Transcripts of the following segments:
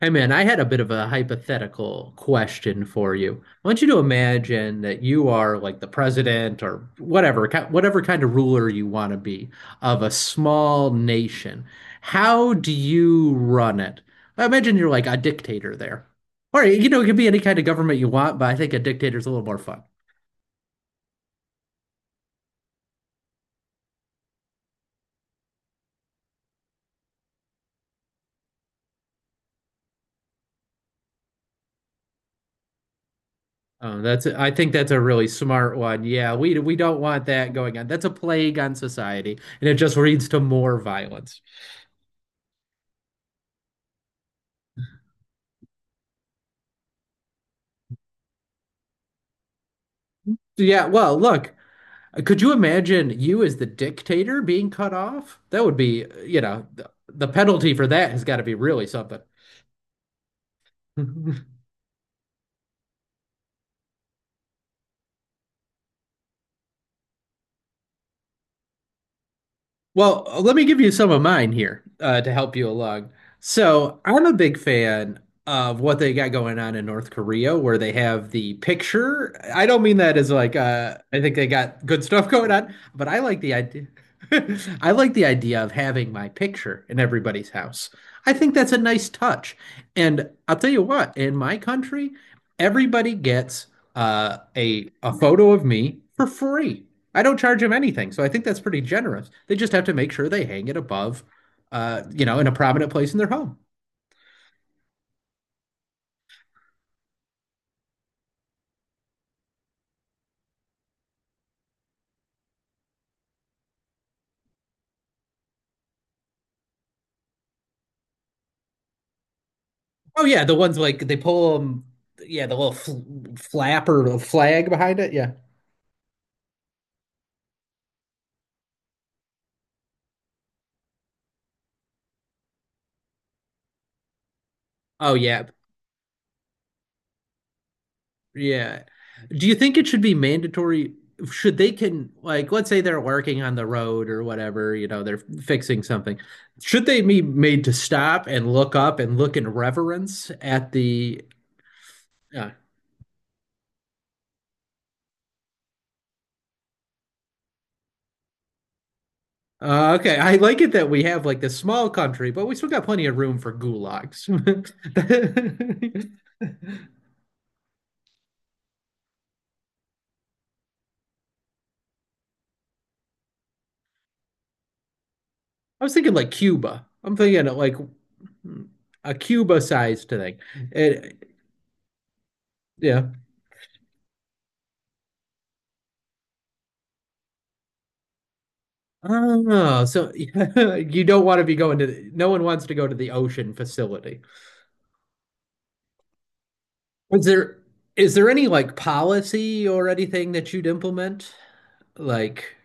Hey man, I had a bit of a hypothetical question for you. I want you to imagine that you are like the president or whatever, whatever kind of ruler you want to be of a small nation. How do you run it? I imagine you're like a dictator there. Or, you know, it could be any kind of government you want, but I think a dictator's a little more fun. Oh, that's I think that's a really smart one. Yeah, we don't want that going on. That's a plague on society, and it just leads to more violence. So, yeah, well, look. Could you imagine you as the dictator being cut off? That would be, you know, the penalty for that has got to be really something. Well, let me give you some of mine here to help you along. So, I'm a big fan of what they got going on in North Korea, where they have the picture. I don't mean that as like I think they got good stuff going on, but I like the idea. I like the idea of having my picture in everybody's house. I think that's a nice touch. And I'll tell you what, in my country, everybody gets a photo of me for free. I don't charge them anything, so I think that's pretty generous. They just have to make sure they hang it above, you know, in a prominent place in their home. Oh yeah, the ones like they pull them, yeah, the little fl flapper, the flag behind it, yeah. Oh yeah, yeah. Do you think it should be mandatory? Should they can like Let's say they're working on the road or whatever, you know, they're fixing something. Should they be made to stop and look up and look in reverence at the uh, okay, I like it that we have like this small country, but we still got plenty of room for gulags. I was thinking like Cuba. I'm thinking like a Cuba-sized thing. It, yeah. Oh, so you don't want to be going to the, no one wants to go to the ocean facility. Is there is there any like policy or anything that you'd implement? Like,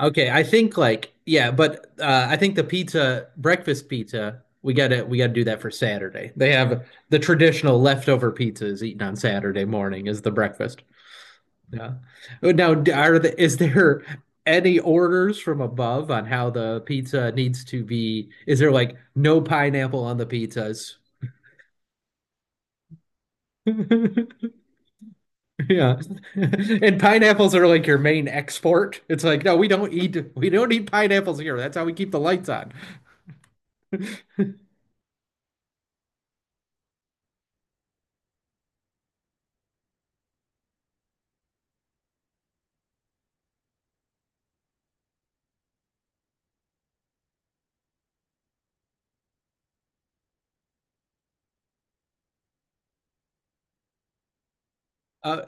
Okay, I think like yeah, but I think the pizza, breakfast pizza, we gotta do that for Saturday. They have the traditional leftover pizzas eaten on Saturday morning is the breakfast. Yeah. Oh, are is there any orders from above on how the pizza needs to be? Is there like no pineapple on the pizzas? Yeah. And pineapples are like your main export. It's like, no, we don't eat pineapples here. That's how we keep the lights on. Uh,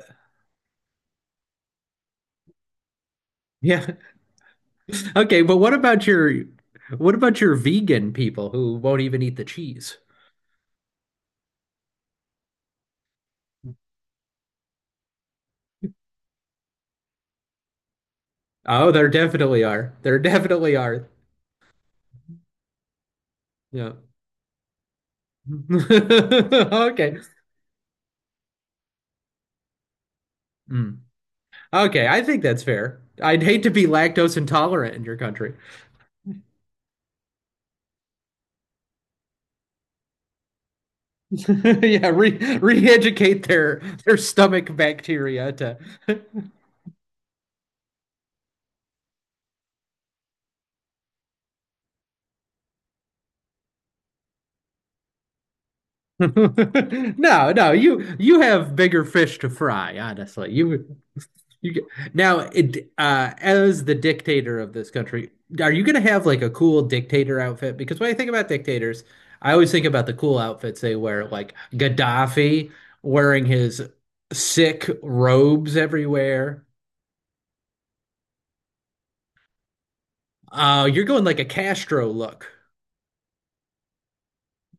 yeah. Okay, but what about your vegan people who won't even eat the cheese? Oh, there definitely are. There definitely are. Yeah. Okay. Mm. Okay, I think that's fair. I'd hate to be lactose intolerant in your country. Yeah, re re-educate their stomach bacteria to no, no, you have bigger fish to fry, honestly. You get, now, it, As the dictator of this country, are you going to have like a cool dictator outfit? Because when I think about dictators, I always think about the cool outfits they wear, like Gaddafi wearing his sick robes everywhere. You're going like a Castro look.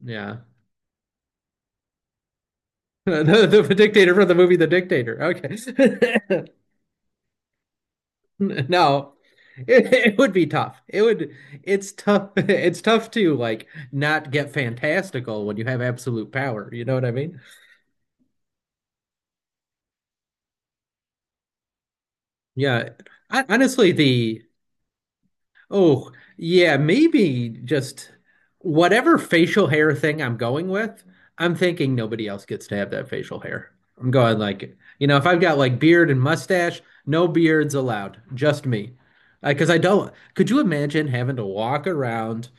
Yeah. The dictator from the movie The Dictator. Okay. No, it would be tough. It's tough. It's tough to like not get fantastical when you have absolute power. You know what I mean? Yeah. I, honestly, the Oh, yeah, maybe just whatever facial hair thing I'm going with, I'm thinking nobody else gets to have that facial hair. I'm going like, you know, if I've got like beard and mustache, no beards allowed, just me. Because I don't, could you imagine having to walk around,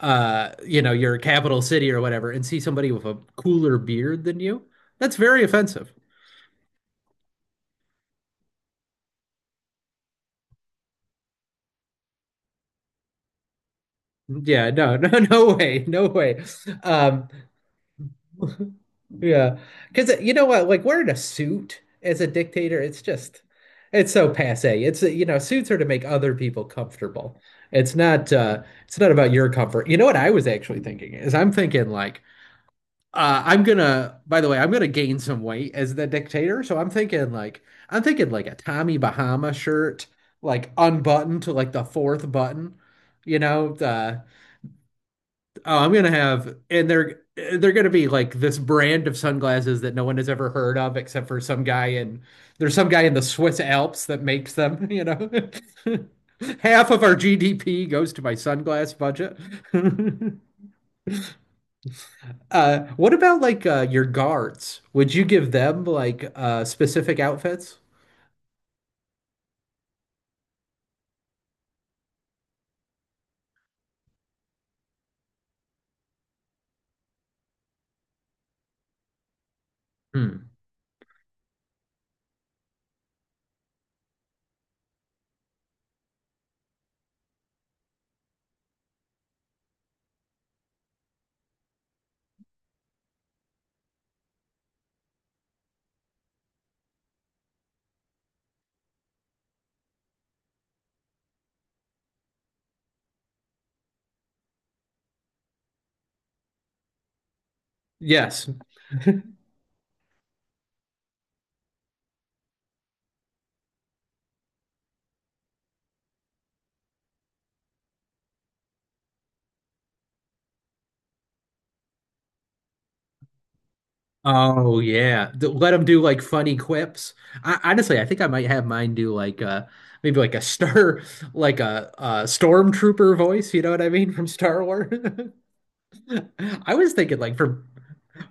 you know, your capital city or whatever and see somebody with a cooler beard than you? That's very offensive. Yeah, no, no, no way, no way. Um, Yeah, because you know what? Like wearing a suit as a dictator, it's so passé. It's you know, suits are to make other people comfortable. It's not about your comfort. You know what I was actually thinking is I'm thinking like, I'm gonna. By the way, I'm gonna gain some weight as the dictator. I'm thinking like a Tommy Bahama shirt, like unbuttoned to like the fourth button. You know, uh, Oh, I'm gonna have, and they're gonna be like this brand of sunglasses that no one has ever heard of except for some guy in there's some guy in the Swiss Alps that makes them, you know. Half of our GDP goes to my sunglass budget. What about like your guards? Would you give them like specific outfits? Hmm. Yes, oh yeah, let them do like funny quips. I think I might have mine do like maybe like a star like a stormtrooper voice. You know what I mean from Star Wars. I was thinking like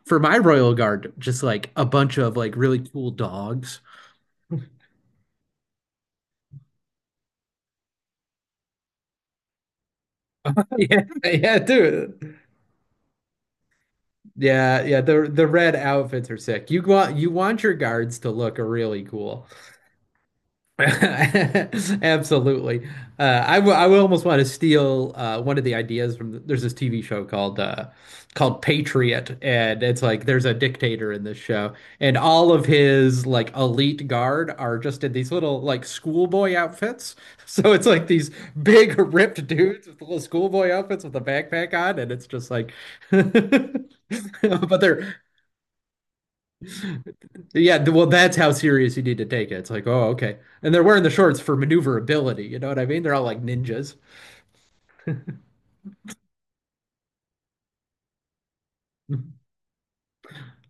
for my Royal Guard, just like a bunch of like really cool dogs. Yeah, yeah, dude. Yeah, yeah. The red outfits are sick. You want your guards to look really cool. Absolutely. I will almost want to steal one of the ideas from there's this TV show called called Patriot, and it's like there's a dictator in this show, and all of his like elite guard are just in these little like schoolboy outfits. So it's like these big ripped dudes with little schoolboy outfits with a backpack on, and it's just like, but they're yeah, th- well, that's how serious you need to take it. It's like, oh, okay. And they're wearing the shorts for maneuverability. You know what I mean? They're all like ninjas.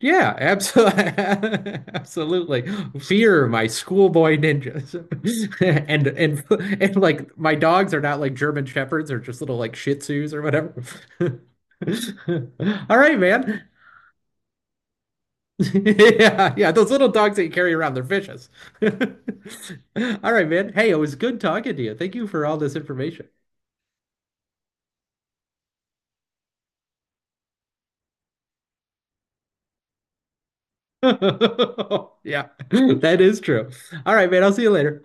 Yeah, absolutely. Absolutely. Fear my schoolboy ninjas. And and and like my dogs are not like German shepherds or just little like Shih Tzus or whatever. All right, man. Yeah, yeah, those little dogs that you carry around, they're vicious. All right, man. Hey, it was good talking to you. Thank you for all this information. Yeah, that is true. All right, man. I'll see you later.